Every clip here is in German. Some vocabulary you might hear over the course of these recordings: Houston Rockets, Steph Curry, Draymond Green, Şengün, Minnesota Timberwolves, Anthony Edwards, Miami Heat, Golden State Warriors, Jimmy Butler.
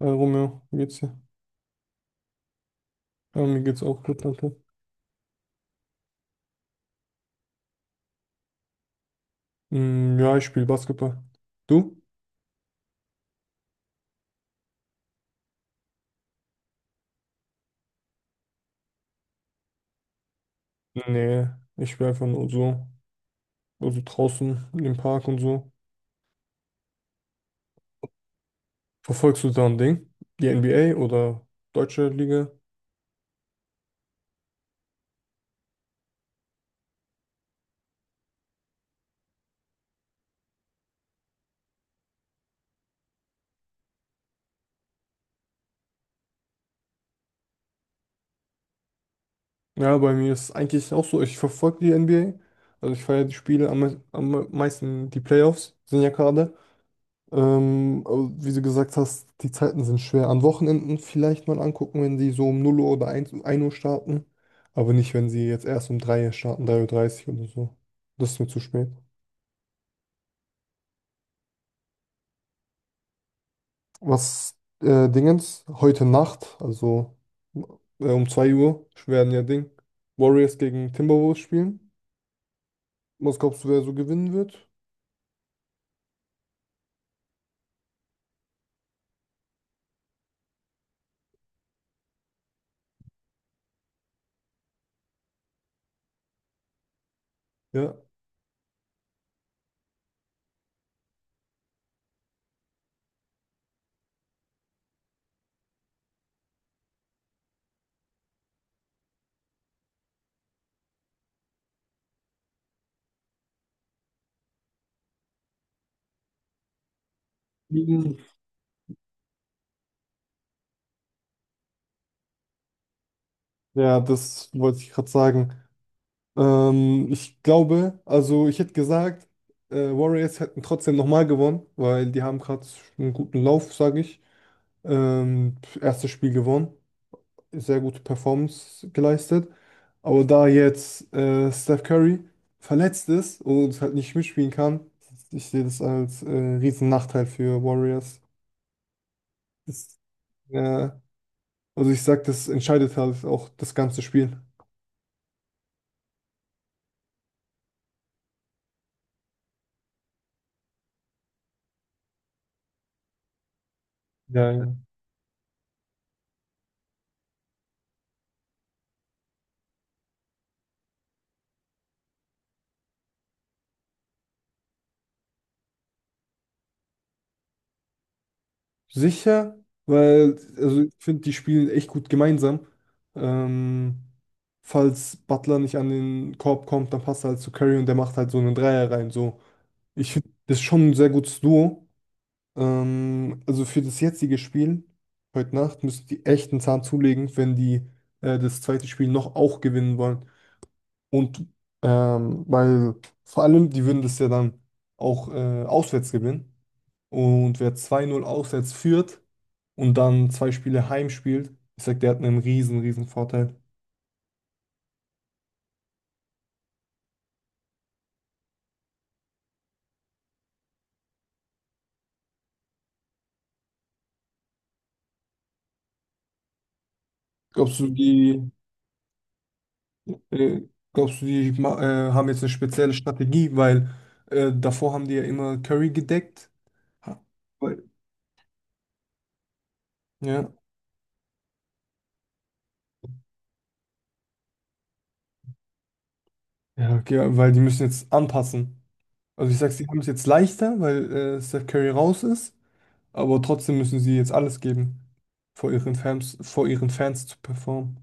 Hi Romeo, wie geht's dir? Ja, mir geht's auch gut, danke. Mm, ja, ich spiele Basketball. Du? Nee, ich spiele einfach nur so. Also draußen im Park und so. Verfolgst du da ein Ding? Die NBA oder deutsche Liga? Ja, bei mir ist es eigentlich auch so. Ich verfolge die NBA. Also ich feiere die Spiele am, am meisten. Die Playoffs sind ja gerade. Aber wie du gesagt hast, die Zeiten sind schwer. An Wochenenden vielleicht mal angucken, wenn sie so um null Uhr oder eins um ein Uhr starten. Aber nicht, wenn sie jetzt erst um drei Uhr starten, 3 Uhr dreißig oder so. Das ist mir zu spät. Was Dingens, heute Nacht, also äh, um 2 Uhr, werden ja Ding, Warriors gegen Timberwolves spielen. Was glaubst du, wer so gewinnen wird? Ja. Mhm. Ja, das wollte ich gerade sagen. Ich glaube, also ich hätte gesagt, Warriors hätten trotzdem nochmal gewonnen, weil die haben gerade einen guten Lauf, sage ich. Ähm, Erstes Spiel gewonnen, sehr gute Performance geleistet. Aber da jetzt Steph Curry verletzt ist und halt nicht mitspielen kann, ich sehe das als riesen Nachteil für Warriors. Das, äh, also ich sag, das entscheidet halt auch das ganze Spiel. Ja. Sicher, weil also ich finde, die spielen echt gut gemeinsam. Ähm, Falls Butler nicht an den Korb kommt, dann passt er halt zu Curry und der macht halt so einen Dreier rein. So. Ich finde, das ist schon ein sehr gutes Duo. Also für das jetzige Spiel, heute Nacht, müssen die echt einen Zahn zulegen, wenn die das zweite Spiel noch auch gewinnen wollen. Und weil vor allem, die würden das ja dann auch auswärts gewinnen. Und wer zwei null auswärts führt, und dann zwei Spiele heim spielt, ich sag, der hat einen riesen, riesen Vorteil. Glaubst du, die, äh, Glaubst du, die haben jetzt eine spezielle Strategie, weil davor haben die ja immer Curry gedeckt. Ha- Weil, ja, ja, okay, weil die müssen jetzt anpassen. Also ich sag's, die haben es jetzt leichter, weil Steph Curry raus ist, aber trotzdem müssen sie jetzt alles geben, vor ihren Fans zu performen.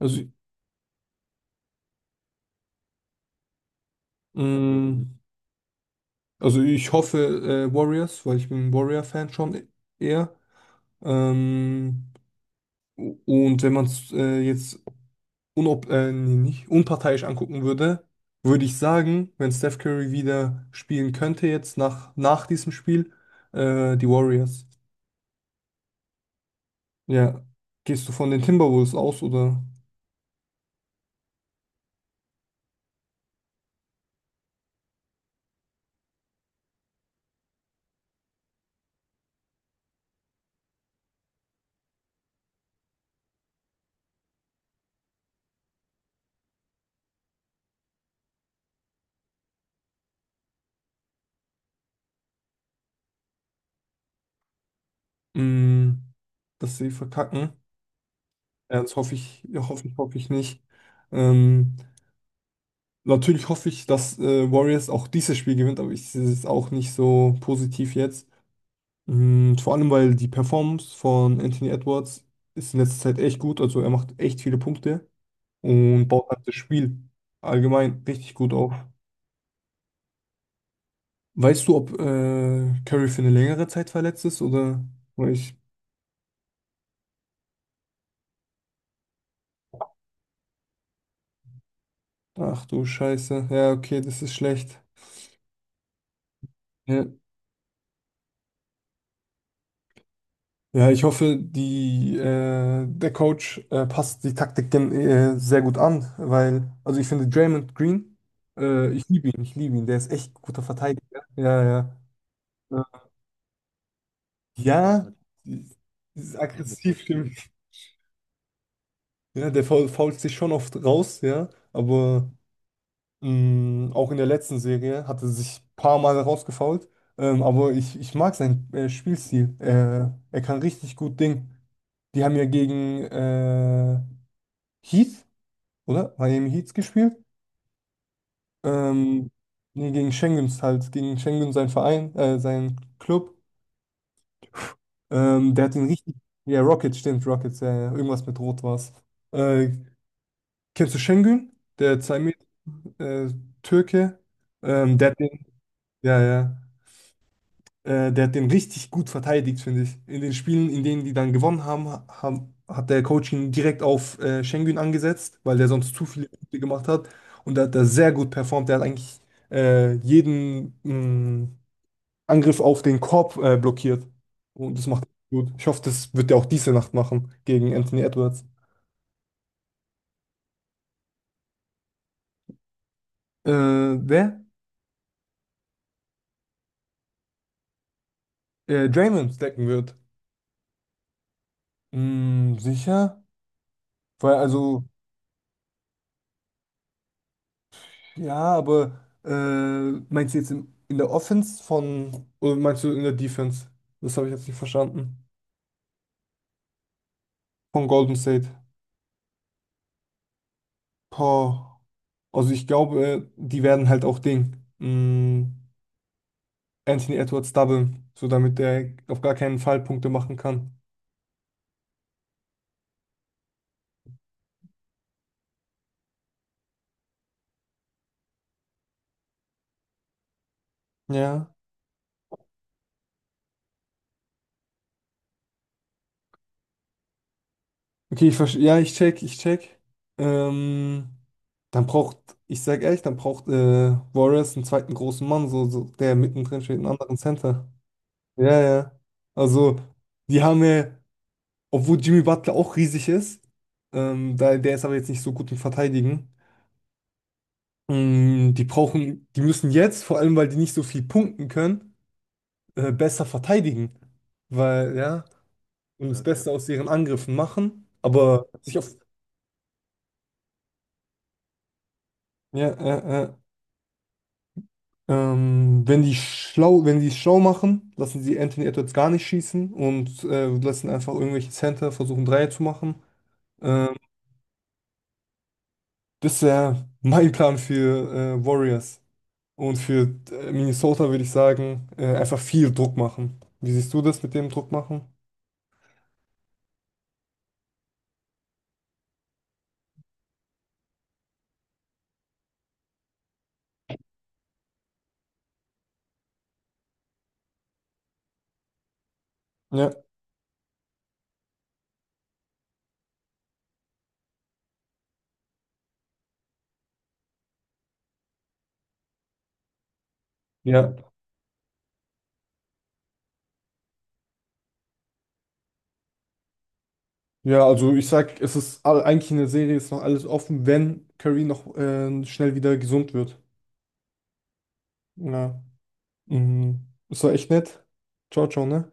Also, mh, also ich hoffe Warriors, weil ich bin ein Warrior-Fan schon eher. Ähm, und wenn man es jetzt nicht, unparteiisch angucken würde, würde ich sagen, wenn Steph Curry wieder spielen könnte jetzt nach diesem Spiel, die Warriors. Ja, gehst du von den Timberwolves aus oder mh, dass sie verkacken? Ja, das hoffe ich, ja, hoffe ich nicht. Ähm, Natürlich hoffe ich, dass Warriors auch dieses Spiel gewinnt, aber ich sehe es auch nicht so positiv jetzt. Mm, vor allem, weil die Performance von Anthony Edwards ist in letzter Zeit echt gut. Also er macht echt viele Punkte und baut halt das Spiel allgemein richtig gut auf. Weißt du, ob Curry für eine längere Zeit verletzt ist oder ich. Ach du Scheiße. Ja, okay, das ist schlecht. Ja, ja ich hoffe, der Coach passt die Taktik sehr gut an, weil, also ich finde Draymond Green, ich liebe ihn, der ist echt guter Verteidiger. Ja, ja. Ja. Ja, ist aggressiv stimmt. Ja, der fault sich schon oft raus, ja. Aber mh, auch in der letzten Serie hat er sich ein paar Mal rausgefault. Ähm, aber ich mag seinen Spielstil. Er kann richtig gut Ding. Die haben ja gegen Heat, oder? Miami Heat gespielt. Ähm, Gegen Schengens halt. Gegen Schengen, sein Verein, sein Club. Der hat ihn richtig. Ja, Rockets, stimmt, Rockets, ja, ja. Irgendwas mit Rot war's. Äh, Kennst du Şengün? Der Zamir, äh, Türke. Der hat den, ja, ja. Der hat den richtig gut verteidigt, finde ich. In den Spielen, in denen die dann gewonnen haben, hat der Coach ihn direkt auf Şengün angesetzt, weil der sonst zu viele Punkte gemacht hat. Und da hat er sehr gut performt. Der hat eigentlich jeden mh, Angriff auf den Korb blockiert. Und das macht er gut. Ich hoffe, das wird er auch diese Nacht machen gegen Anthony Edwards. Wer? Draymond stacken wird. Mm, sicher? Weil also, ja, meinst du jetzt in der Offense von, oder meinst du in der Defense? Das habe ich jetzt nicht verstanden. Von Golden State. Boah. Also ich glaube, die werden halt auch Ding. Mh, Anthony Edwards doublen, so damit der auf gar keinen Fall Punkte machen kann. Ja. Okay, ich verstehe. Ja, ich check. Ähm, dann braucht, Ich sag ehrlich, dann braucht Warriors einen zweiten großen Mann, so, so der mittendrin steht, einen anderen Center. Ja, ja. Also, die haben ja, obwohl Jimmy Butler auch riesig ist, der ist aber jetzt nicht so gut im Verteidigen. Die müssen jetzt, vor allem weil die nicht so viel punkten können, besser verteidigen. Weil, ja, und das Ja, ja. Beste aus ihren Angriffen machen, mhm, aber sich auf. Ja, wenn die schlau, wenn die es schlau machen, lassen sie Anthony Edwards gar nicht schießen und lassen einfach irgendwelche Center versuchen, Dreier zu machen. Ähm, Das wäre mein Plan für Warriors. Und für Minnesota würde ich sagen, einfach viel Druck machen. Wie siehst du das mit dem Druck machen? Ja, ja. Ja, also ich sag, es ist eigentlich in der Serie ist noch alles offen, wenn Curry noch schnell wieder gesund wird. Ja. Mhm. Das war echt nett. Ciao, ciao, ne?